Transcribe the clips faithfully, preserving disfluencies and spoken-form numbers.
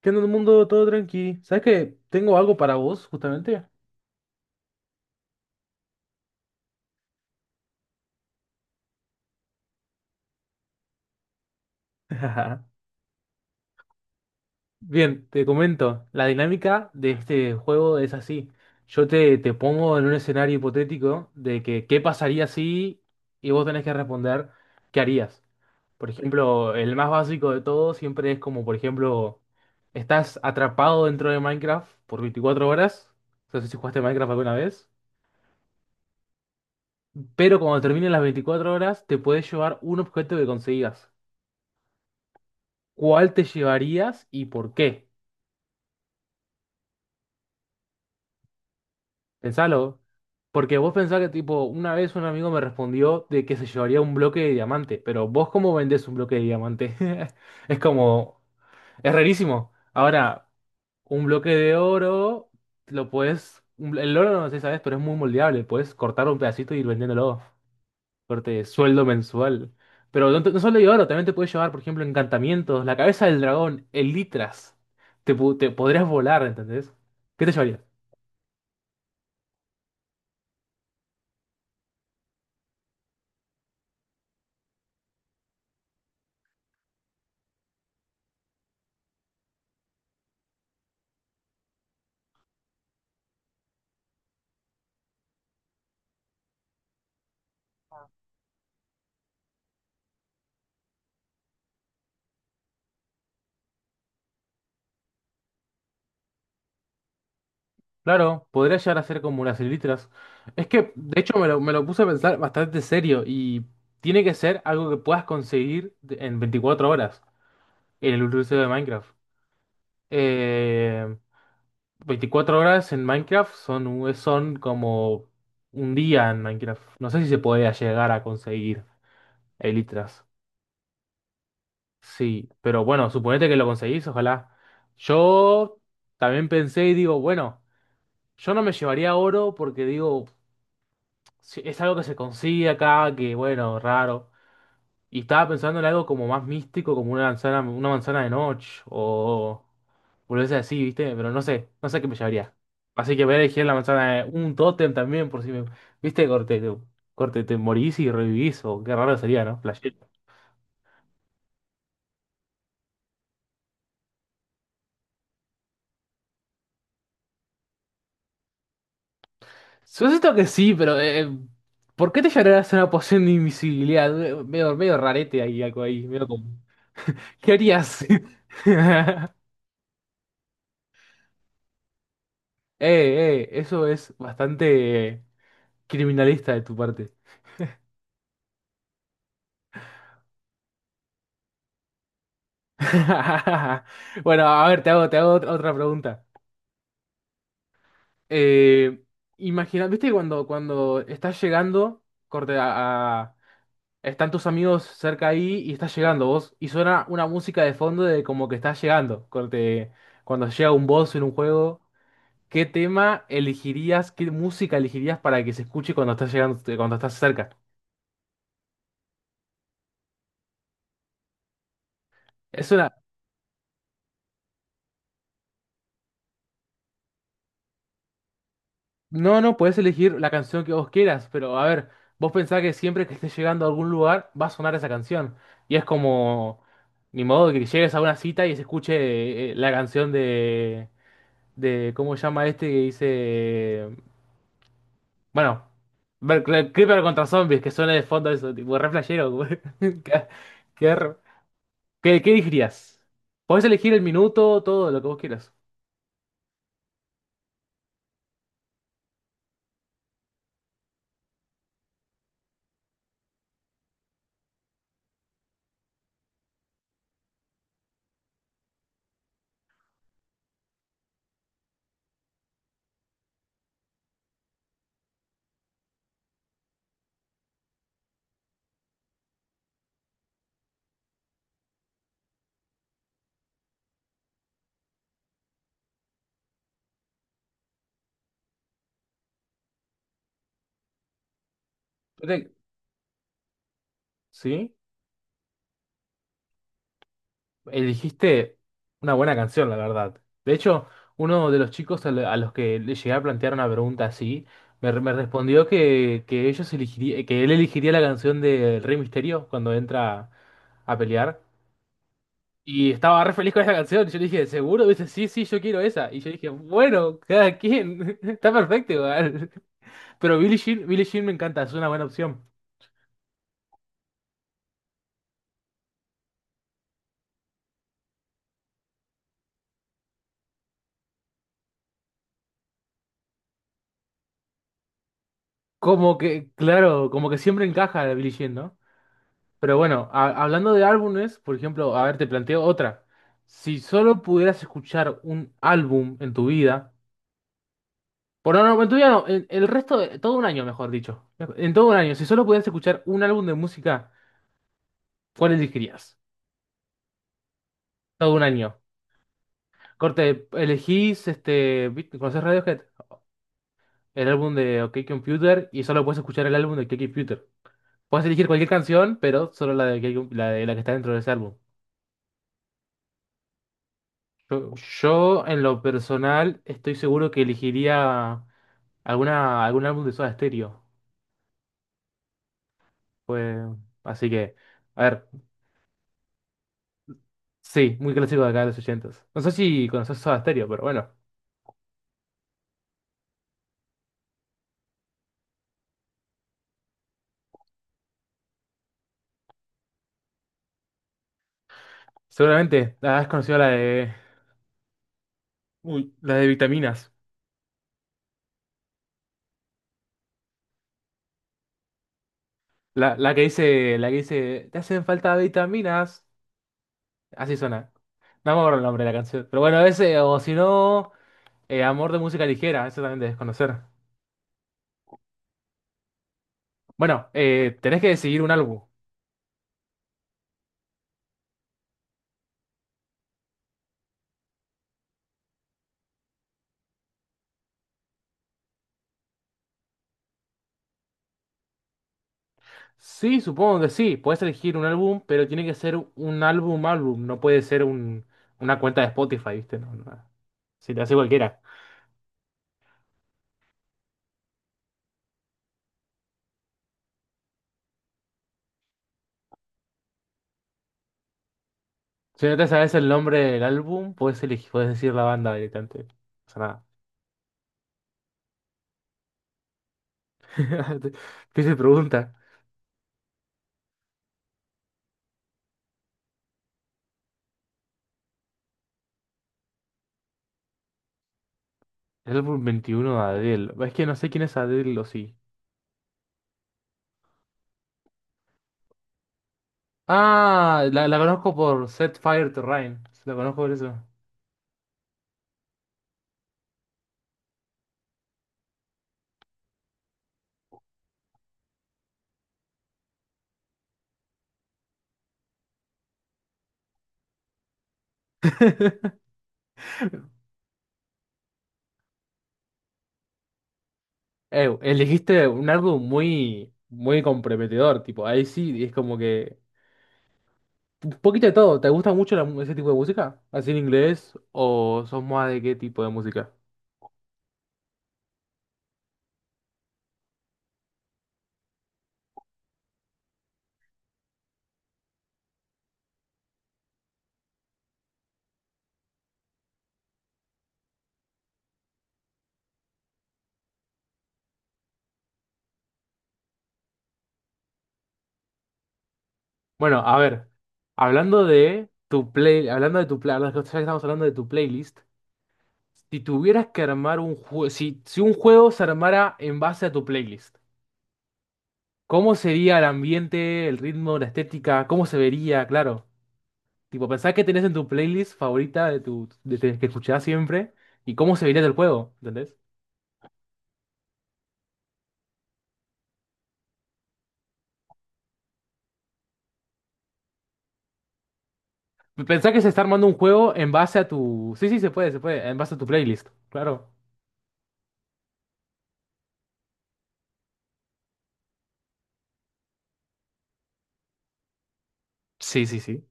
¿Qué onda, mundo? Todo tranqui. ¿Sabes que tengo algo para vos, justamente? Bien, te comento. La dinámica de este juego es así. Yo te, te pongo en un escenario hipotético de que qué pasaría si y vos tenés que responder qué harías. Por ejemplo, el más básico de todo siempre es como, por ejemplo, estás atrapado dentro de Minecraft por veinticuatro horas. No sé si jugaste Minecraft alguna vez. Pero cuando terminen las veinticuatro horas, te puedes llevar un objeto que consigas. ¿Cuál te llevarías y por qué? Pensalo. Porque vos pensás que, tipo, una vez un amigo me respondió de que se llevaría un bloque de diamante, pero vos cómo vendés un bloque de diamante? Es como, es rarísimo. Ahora, un bloque de oro, lo puedes, el oro no sé, sabes, pero es muy moldeable, puedes cortar un pedacito y ir vendiéndolo. Corte sueldo mensual. Pero no, te- no solo hay oro, también te puedes llevar, por ejemplo, encantamientos, la cabeza del dragón, elitras. Te, pu- te podrías volar, ¿entendés? ¿Qué te llevarías? Claro, podrías llegar a ser como las elitras. Es que, de hecho, me lo, me lo puse a pensar bastante serio y tiene que ser algo que puedas conseguir de- en veinticuatro horas en el universo de Minecraft. Eh, veinticuatro horas en Minecraft son, un- son como un día en Minecraft. No sé si se podría llegar a conseguir. Elitras. Sí, pero bueno, suponete que lo conseguís, ojalá. Yo también pensé y digo, bueno, yo no me llevaría oro porque digo, si- es algo que se consigue acá, que bueno, raro. Y estaba pensando en algo como más místico, como una manzana, una manzana de noche o volverse así, ¿viste? Pero no sé, no sé qué me llevaría. Así que voy a elegir la manzana de un tótem también por si me, ¿viste? Corte, te- corte, te morís y revivís o qué raro sería, ¿no? Flashero. Supuesto que sí, pero eh, eh, ¿por qué te llevarías una poción de invisibilidad? Eh, Medio, medio rarete ahí, algo ahí, medio como- ¿Qué harías? Eh, eh, eso es bastante criminalista de tu parte. Bueno, a ver, te hago, te hago otra otra pregunta. Eh, Imagina, ¿viste cuando, cuando estás llegando, corte, a, a- están tus amigos cerca ahí y estás llegando vos? Y suena una música de fondo de como que estás llegando. Cuando, te- cuando llega un boss en un juego, ¿qué tema elegirías? ¿Qué música elegirías para que se escuche cuando estás llegando, eh, cuando estás cerca? Es una. No, no, puedes elegir la canción que vos quieras, pero a ver, vos pensás que siempre que estés llegando a algún lugar va a sonar esa canción. Y es como. Ni modo que llegues a una cita y se escuche eh, la canción de. de ¿cómo se llama este que dice? Bueno, ver, cre- Creeper contra zombies, que suena de fondo eso, tipo, re flashero, güey. Qué, qué, re- ¿Qué- qué elegirías? Podés elegir el minuto, todo lo que vos quieras. Yo te- ¿Sí? Elegiste una buena canción, la verdad. De hecho, uno de los chicos a, lo- a los que le llegué a plantear una pregunta así, me, re- me respondió que, que ellos elegiría, que él elegiría la canción de Rey Misterio cuando entra a pelear. Y estaba re feliz con esa canción. Y yo le dije, ¿seguro? Dice, sí, sí, yo quiero esa. Y yo dije, bueno, cada quien. Está perfecto igual. Pero Billie Jean, Billie Jean me encanta, es una buena opción. Como que, claro, como que siempre encaja la Billie Jean, ¿no? Pero bueno, ha- hablando de álbumes, por ejemplo, a ver, te planteo otra. Si solo pudieras escuchar un álbum en tu vida, por no, no, en tu vida no, en- el resto de todo un año, mejor dicho. En todo un año, si solo pudieras escuchar un álbum de música, ¿cuál elegirías? Todo un año. Corte, elegís, este, vi- ¿conoces Radiohead? El álbum de OK Computer y solo puedes escuchar el álbum de OK Computer. Puedes elegir cualquier canción, pero solo la de, OK Com- la de la que está dentro de ese álbum. Yo, yo, en lo personal, estoy seguro que elegiría alguna, algún álbum de Soda Stereo. Pues, así que, a ver, sí, muy clásico de acá de los ochenta. No sé si conoces Soda Stereo, pero bueno, seguramente has conocido la de, uy, la de Vitaminas. La, la que dice, la que dice, te hacen falta vitaminas. Así suena. No me acuerdo el nombre de la canción. Pero bueno, ese, o si no, eh, Amor de música ligera, eso también de desconocer. Bueno, eh, tenés que decidir un álbum. Sí, supongo que sí. Puedes elegir un álbum, pero tiene que ser un álbum álbum. No puede ser un, una cuenta de Spotify, ¿viste? No, no. Si te hace cualquiera. Si no te sabes el nombre del álbum, puedes elegir, puedes decir la banda directamente. No pasa nada. Difícil pregunta. El álbum veintiuno de Adele. Es que no sé quién es Adele o sí. Ah, la, la conozco por Set Fire to Rain. La conozco por eso. Eh, elegiste un álbum muy, muy comprometedor, tipo, ahí sí, es como que un poquito de todo. ¿Te gusta mucho la mu- ese tipo de música? ¿Así en inglés? ¿O sos más de qué tipo de música? Bueno, a ver, hablando de tu play, hablando de tu play, ya que estamos hablando de tu playlist, si tuvieras que armar un juego, si, si un juego se armara en base a tu playlist, ¿cómo sería el ambiente, el ritmo, la estética? ¿Cómo se vería? Claro. Tipo, pensás que tenés en tu playlist favorita de tu, de, de- que escuchás siempre y cómo se vería el juego, ¿entendés? Pensás que se está armando un juego en base a tu. Sí, sí, se puede, se puede, en base a tu playlist, claro. Sí, sí, sí.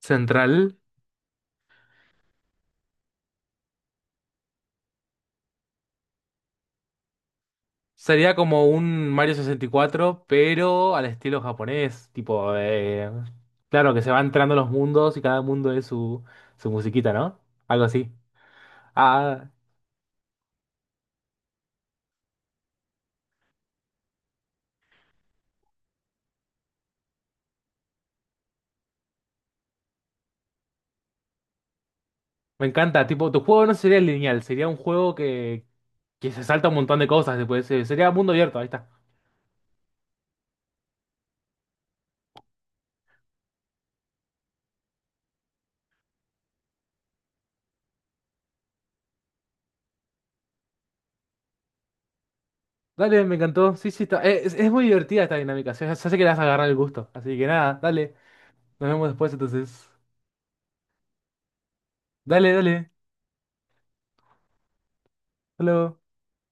Central. Sería como un Mario sesenta y cuatro pero al estilo japonés, tipo, eh, claro, que se van entrando los mundos y cada mundo es su, su musiquita, ¿no? Algo así. Ah, me encanta, tipo, tu juego no sería lineal, sería un juego que, que se salta un montón de cosas después, eh, sería mundo abierto, ahí está. Dale, me encantó, sí, sí, está- eh, es, es muy divertida esta dinámica, se, se hace que le vas a agarrar el gusto, así que nada, dale, nos vemos después entonces. Dale, dale, hasta luego.